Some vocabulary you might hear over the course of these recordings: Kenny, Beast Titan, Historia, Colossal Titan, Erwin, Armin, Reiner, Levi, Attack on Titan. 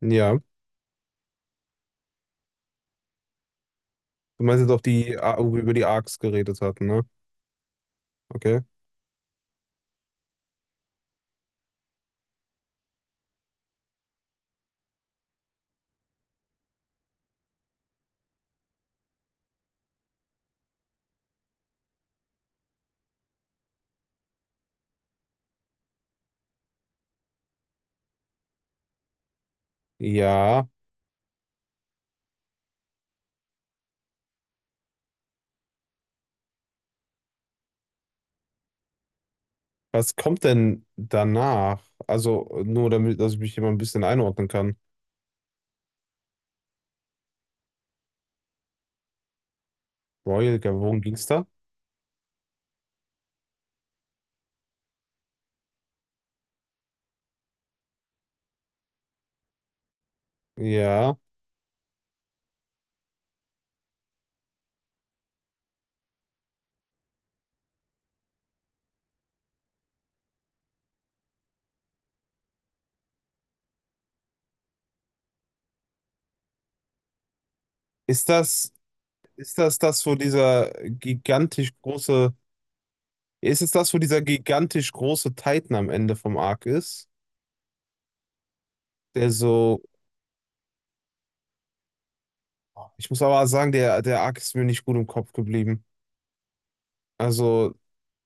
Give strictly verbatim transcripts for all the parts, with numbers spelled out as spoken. Ja, du meinst jetzt auch die, A- wo wir über die ARCs geredet hatten, ne? Okay. Ja, was kommt denn danach? Also nur damit, dass ich mich immer ein bisschen einordnen kann. Royal Gavon ging's da? Ja. Ist das, ist das das, wo dieser gigantisch große, ist es das, wo dieser gigantisch große Titan am Ende vom Arc ist? Der so, ich muss aber sagen, der, der Arc ist mir nicht gut im Kopf geblieben. Also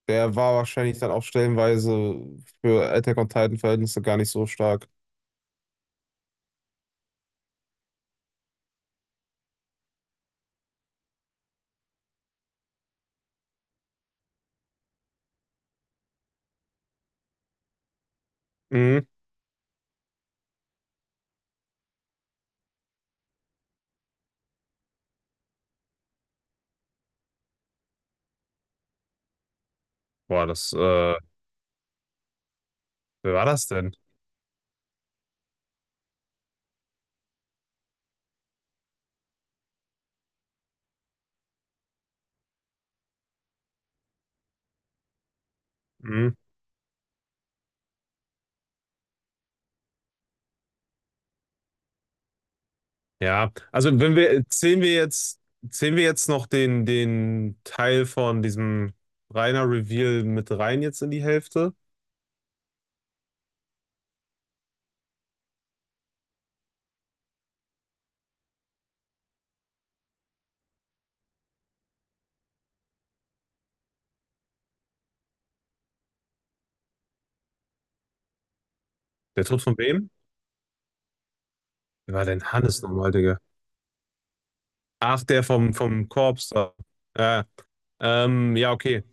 der war wahrscheinlich dann auch stellenweise für Attack on Titan Verhältnisse gar nicht so stark. Mhm. Boah, das, äh, wer war das denn? Mhm. Ja, also wenn wir, zählen wir jetzt, zählen wir jetzt noch den, den Teil von diesem Reiner Reveal mit rein jetzt in die Hälfte? Der Tod von wem? Wer war denn Hannes nochmal, Digga? Ach, der vom, vom Korps da. Ja, ähm, ja, okay.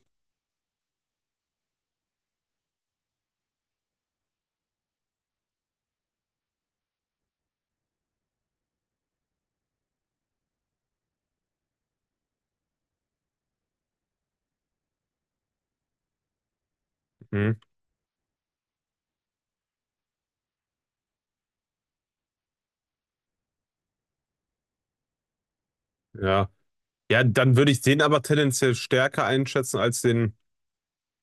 Hm, ja. Ja, dann würde ich den aber tendenziell stärker einschätzen als den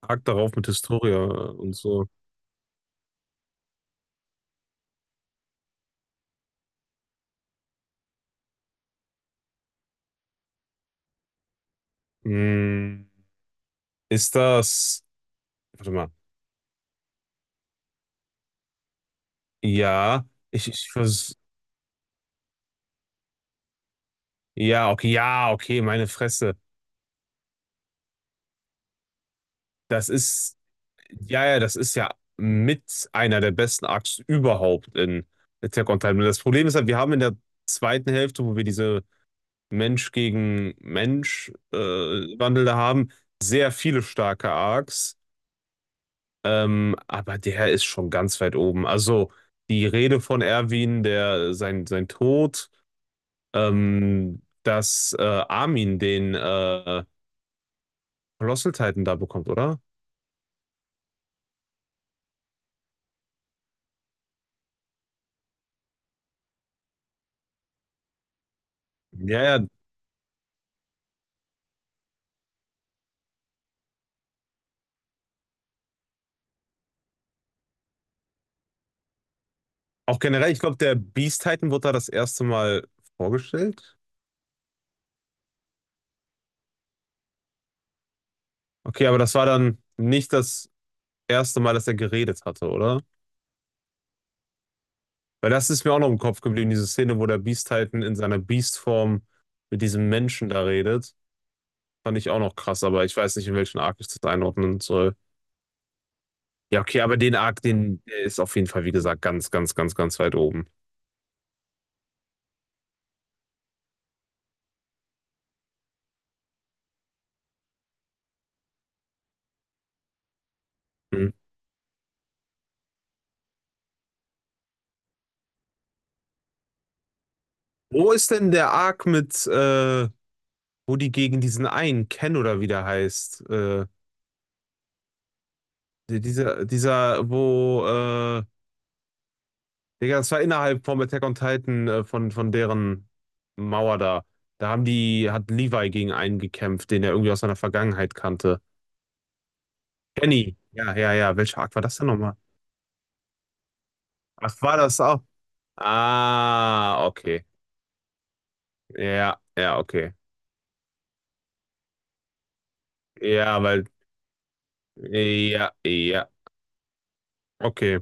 Arc darauf mit Historia und so. Hm, ist das. Warte mal. Ja, ich, ich vers Ja, okay, ja, okay, meine Fresse. Das ist. Ja, ja, das ist ja mit einer der besten Arcs überhaupt in Attack on Titan. Das Problem ist halt, wir haben in der zweiten Hälfte, wo wir diese Mensch gegen Mensch äh, Mhm. Wandel da haben. Sehr viele starke Arcs, ähm, aber der ist schon ganz weit oben. Also die Rede von Erwin, der sein, sein Tod, ähm, dass äh, Armin den äh, Colossal Titan da bekommt, oder? Ja, ja. Auch generell, ich glaube, der Beast Titan wurde da das erste Mal vorgestellt. Okay, aber das war dann nicht das erste Mal, dass er geredet hatte, oder? Weil das ist mir auch noch im Kopf geblieben, diese Szene, wo der Beast Titan in seiner Beast-Form mit diesem Menschen da redet. Fand ich auch noch krass, aber ich weiß nicht, in welchen Arc ich das einordnen soll. Ja, okay, aber den Arc, den der ist auf jeden Fall, wie gesagt, ganz, ganz, ganz, ganz weit oben. Hm. Wo ist denn der Arc mit, äh, wo die gegen diesen einen Ken oder wie der heißt? Äh, die- dieser, dieser, wo, äh, Digga, das war innerhalb vom Attack on Titan, äh, von, von deren Mauer da. Da haben die, hat Levi gegen einen gekämpft, den er irgendwie aus seiner Vergangenheit kannte. Kenny. Ja, ja, ja. Welcher Arc war das denn nochmal? Ach, war das auch? Ah, okay. Ja, ja, okay. Ja, weil, ja, ja, okay.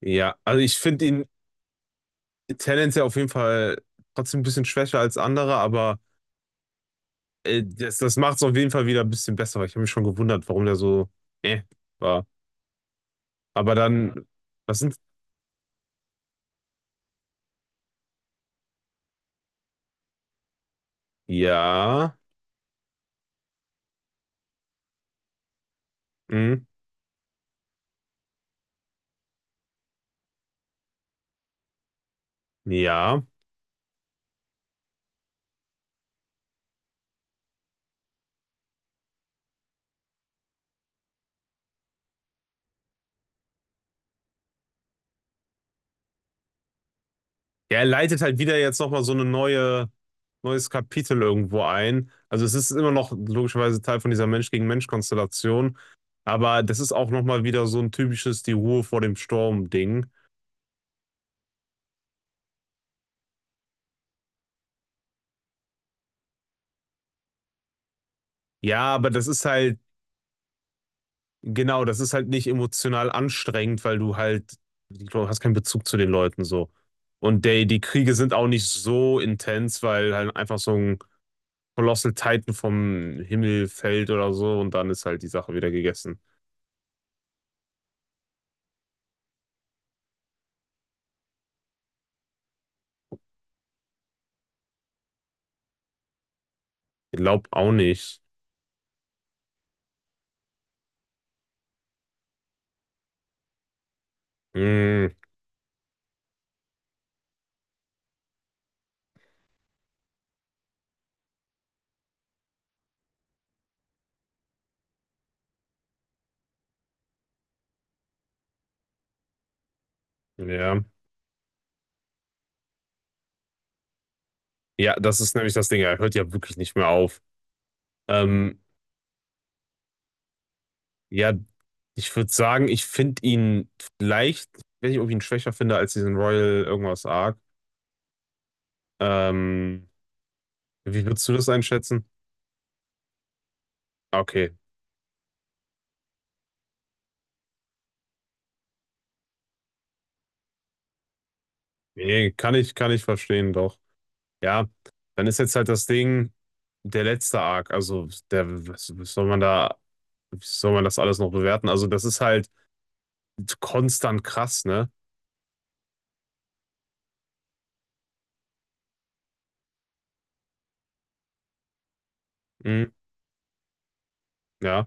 Ja, also ich finde ihn tendenziell auf jeden Fall trotzdem ein bisschen schwächer als andere, aber äh, das, das macht es auf jeden Fall wieder ein bisschen besser, weil ich habe mich schon gewundert, warum der so, äh, war. Aber dann, was sind, ja, hm, ja. Ja, er leitet halt wieder jetzt nochmal so eine neue, neues Kapitel irgendwo ein. Also es ist immer noch logischerweise Teil von dieser Mensch-gegen-Mensch-Konstellation. Aber das ist auch nochmal wieder so ein typisches die Ruhe vor dem Sturm-Ding. Ja, aber das ist halt, genau, das ist halt nicht emotional anstrengend, weil du halt, du hast keinen Bezug zu den Leuten so. Und die, die Kriege sind auch nicht so intens, weil halt einfach so ein Colossal Titan vom Himmel fällt oder so und dann ist halt die Sache wieder gegessen. Ich glaub auch nicht. Hm, ja. Ja, das ist nämlich das Ding. Er hört ja wirklich nicht mehr auf. Ähm, ja, ich würde sagen, ich finde ihn vielleicht, wenn ich irgendwie ihn schwächer finde als diesen Royal irgendwas Arc. Ähm, wie würdest du das einschätzen? Okay. Nee, kann ich, kann ich verstehen, doch. Ja, dann ist jetzt halt das Ding, der letzte Arc. Also, der, was, was soll man da Wie soll man das alles noch bewerten? Also, das ist halt konstant krass, ne? Mhm, ja.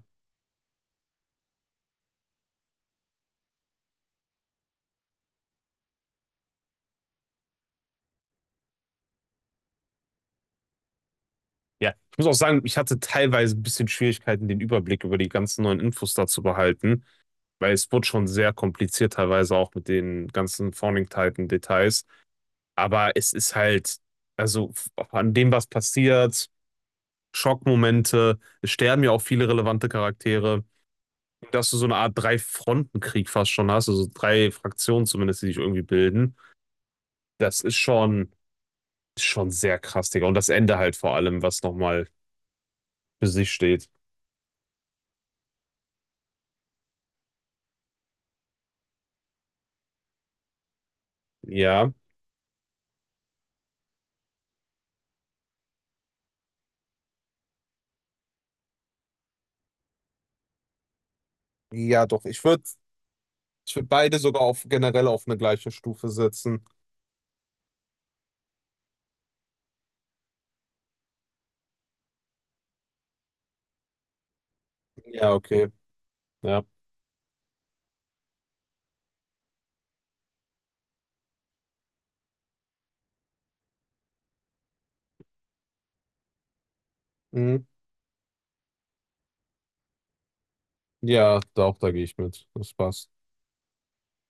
Ja, ich muss auch sagen, ich hatte teilweise ein bisschen Schwierigkeiten, den Überblick über die ganzen neuen Infos da zu behalten, weil es wurde schon sehr kompliziert, teilweise auch mit den ganzen Forming-Titan-Details. Aber es ist halt, also f- an dem, was passiert, Schockmomente, es sterben ja auch viele relevante Charaktere, dass du so eine Art Drei-Fronten-Krieg fast schon hast, also drei Fraktionen zumindest, die sich irgendwie bilden. Das ist schon. Ist schon sehr krass, Digga. Und das Ende halt vor allem, was nochmal für sich steht. Ja. Ja, doch. Ich würde ich würd beide sogar auf, generell auf eine gleiche Stufe setzen. Ja, okay. Ja. Mhm. Ja, da auch, da gehe ich mit. Das passt.